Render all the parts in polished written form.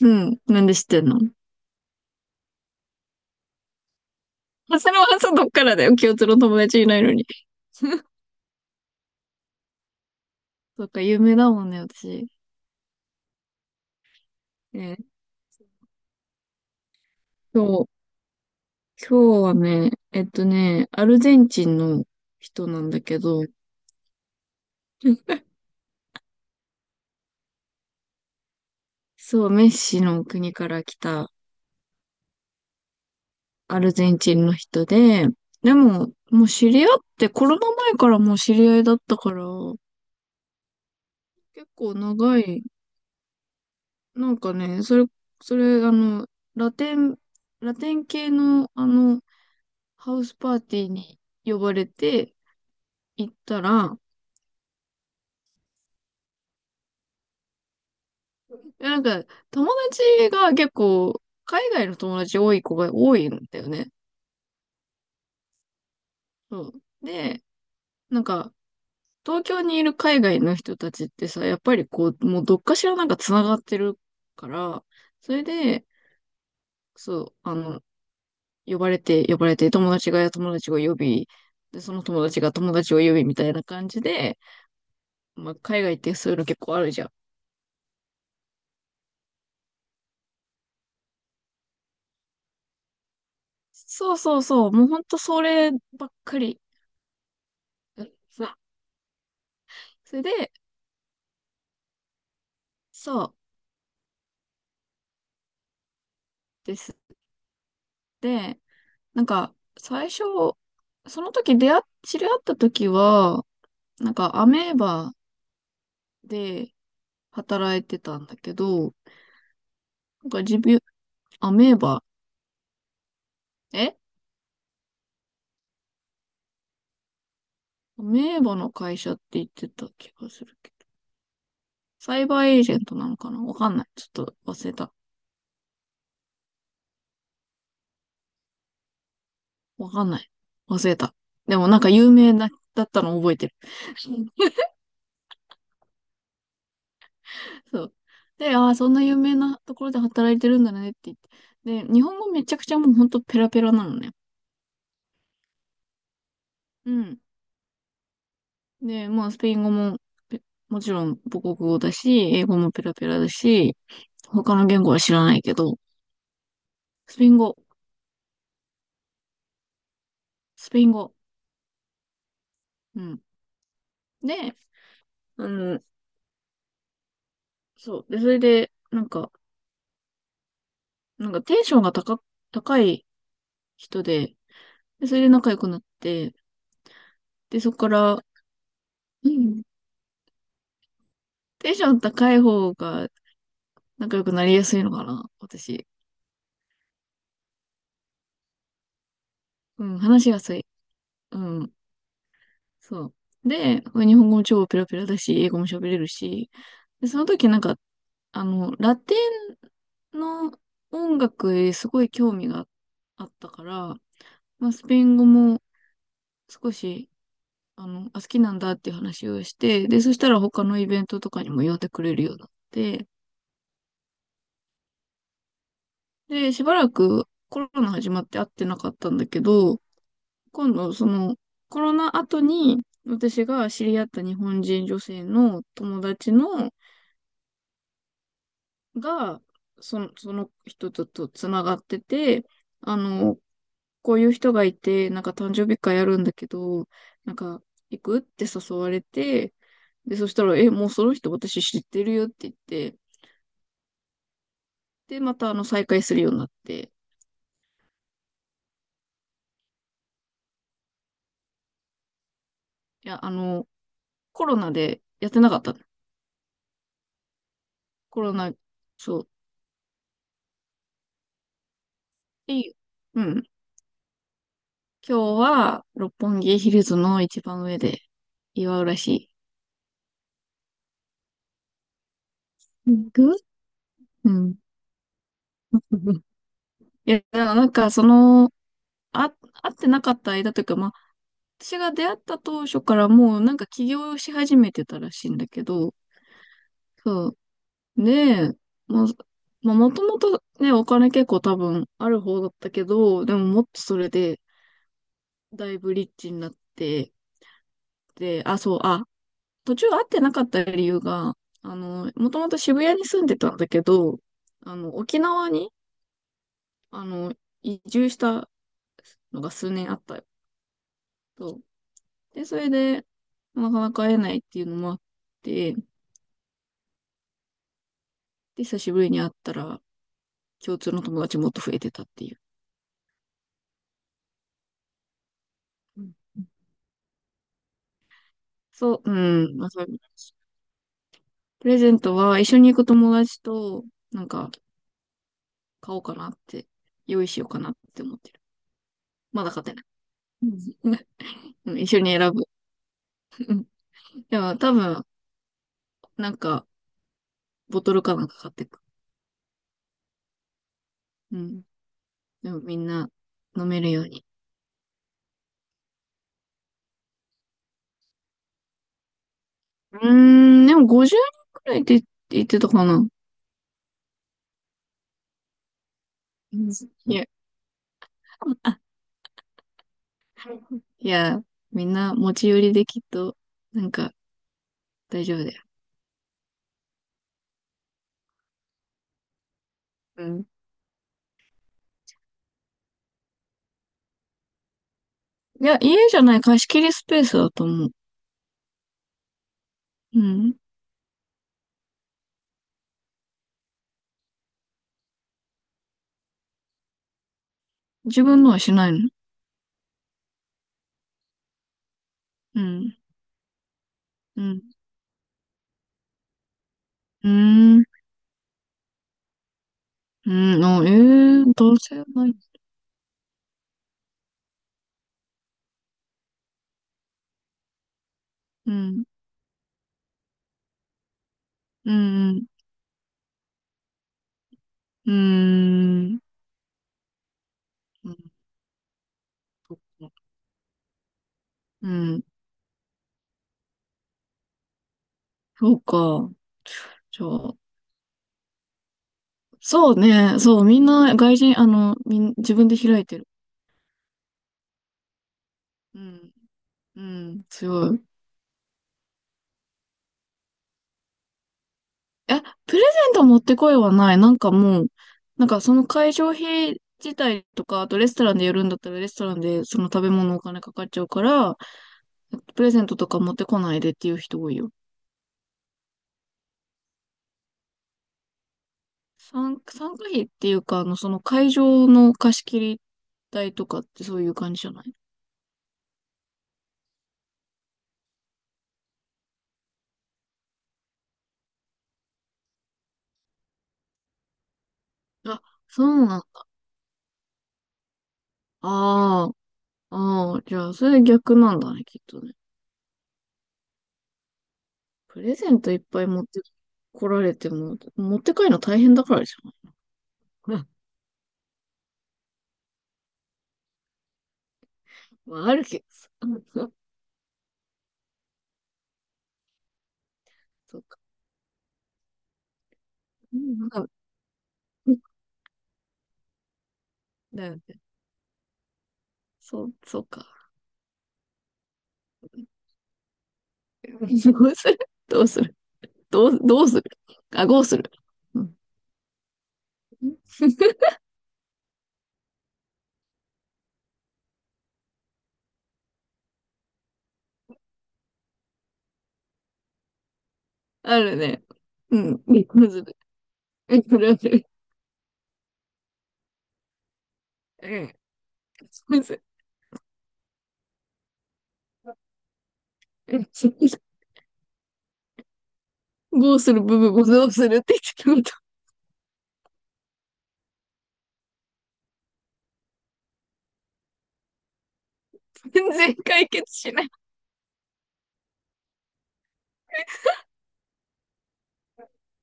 うん。なんで知ってんの？あ、それはさ、どっからだよ。共通の友達いないのに。そっか、有名だもんね、私。ね、今日、今日はね、アルゼンチンの人なんだけど、そう、メッシの国から来たアルゼンチンの人で、でも、もう知り合って、コロナ前からもう知り合いだったから、結構長い、なんかね、それ、ラテン、ラテン系の、ハウスパーティーに呼ばれて行ったら、なんか友達が結構海外の友達多い子が多いんだよね。そうん。で、なんか東京にいる海外の人たちってさ、やっぱりこう、もうどっかしらなんか繋がってるから、それで、そう、呼ばれて、友達が友達を呼び、で、その友達が友達を呼びみたいな感じで、まあ、海外ってそういうの結構あるじゃん。そうそうそう、もうほんとそればっかり。そう、それで、そうですね。で、なんか、最初、その時出会っ、知り合った時は、なんかアメーバで働いてたんだけど、なんか自分、アメーバ、えアメーバの会社って言ってた気がするけど、サイバーエージェントなのかな、わかんない。ちょっと忘れた。わかんない。忘れた。でもなんか有名なだったの覚えてる。そう。で、ああ、そんな有名なところで働いてるんだねって言って。で、日本語めちゃくちゃもうほんとペラペラなのね。うん。で、まあ、スペイン語も、ペもちろん母国語だし、英語もペラペラだし、他の言語は知らないけど、スペイン語、スペイン語。うん。で、あの、そう。で、それで、なんかテンションが高い人で、で、それで仲良くなって、で、そこから、うん、テンション高い方が仲良くなりやすいのかな、私。うん、話しやすい。うん、そう。で、日本語も超ペラペラだし、英語も喋れるし、で、その時なんか、ラテンの音楽へすごい興味があったから、まあ、スペイン語も少し、好きなんだっていう話をして、で、そしたら他のイベントとかにも呼んでくれるようになって、で、しばらくコロナ始まって会ってなかったんだけど、今度、その、コロナ後に、私が知り合った日本人女性の友達の、が、その人とつながってて、あの、こういう人がいて、なんか誕生日会やるんだけど、なんか、行くって誘われて、で、そしたら、え、もうその人私知ってるよって言って、で、また再会するようになって、いや、コロナでやってなかったの。コロナ、そう。いい。うん。今日は六本木ヒルズの一番上で祝うらしい。行く、うん。いや、なんかあ、会ってなかった間というか、まあ、私が出会った当初からもうなんか起業し始めてたらしいんだけど、そう。で、まあ、まあ、もともとね、お金結構多分ある方だったけど、でももっとそれでだいぶリッチになって、で、あ、そう、あ、途中会ってなかった理由が、もともと渋谷に住んでたんだけど、沖縄に、あの、移住したのが数年あったよ。そう。で、それで、なかなか会えないっていうのもあって、で、久しぶりに会ったら、共通の友達もっと増えてたっていう。うん、そう、うん、まあ、そういうプレゼントは一緒に行く友達と、なんか、買おうかなって、用意しようかなって思ってる。まだ買ってない。うん。 うん、一緒に選ぶ。うん、でも多分、なんか、ボトルかなんか買ってく。うん。でもみんな飲めるように。うーん、でも50人くらいって言ってたかな。いや、いや、みんな持ち寄りできっと、なんか大丈夫だよ。うん。いや、家じゃない貸し切りスペースだと思う。うん。自分のはしないの？うん。うん。うーん。うん。あ、ええー、男性ない。うん。うん。うん。うーん。うん。うん、そうか。じゃあ、そうね、そう、みんな外人、自分で開いてる。うん、うん、強い。え、プレゼント持ってこいはない。なんかもう、なんかその会場費自体とか、あとレストランでやるんだったらレストランでその食べ物お金かかっちゃうから、プレゼントとか持ってこないでっていう人多いよ。参加費っていうか、その会場の貸し切り代とかってそういう感じじゃない？あ、そうなんだ。ああ、ああ、じゃあ、それ逆なんだね、きっとね。プレゼントいっぱい持ってこられても、持って帰るの大変だからでしょ。まあ、あるけどさ。そうか。うん、だよね。そう、そうか。どうする、どうする、どう、どうする、あ、どうする、うん、あるね。うん。むずる。むずる。むずる。どうする部分をどうするって言ってること全然解決しない。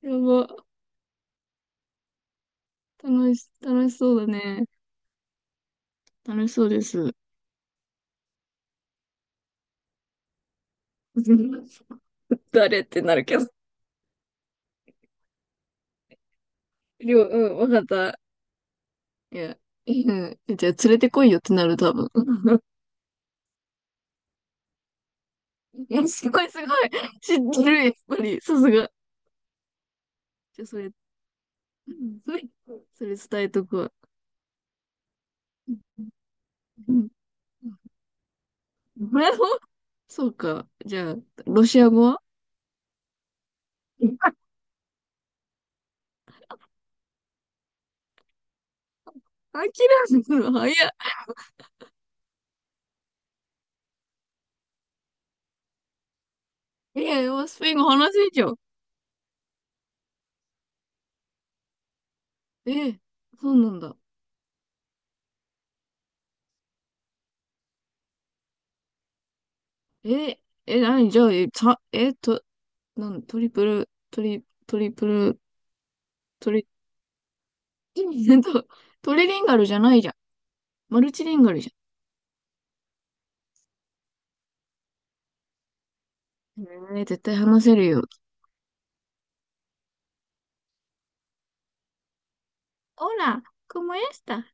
やば。楽しそうだね。楽しそうです。誰ってなるけど。りょう、うん、わかった。いや、うん。じゃあ、連れてこいよってなる、多分。いや、すごい、すごい。知ってる、やっぱり。さすが。じゃあ、それ、伝えとくわ。うん。そうか。じゃあ、ロシア語は？ 諦めるの早い。いや、スペイン語話せんじゃん。え、そうなんだ。え、え、なにじゃあ、え、た、え、と、なん、トリプル、トリプル、トリ うんとトリリンガルじゃないじゃん。マルチリンガルじゃん。えー、絶対話せるよ。ほら、como esta？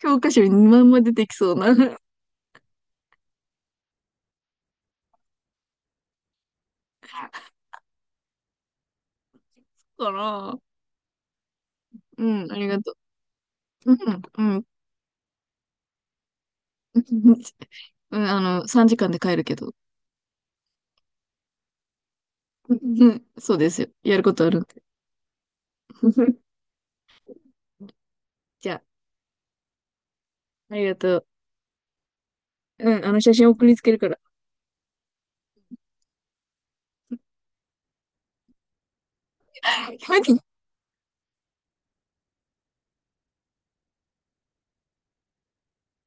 教科書にまんま出てきそうな。から、うん、ありがとう。うん、うん。うん、3時間で帰るけど。うん、そうですよ。やることあるんで。じゃあ、ありがとう。うん、あの写真送りつけるから。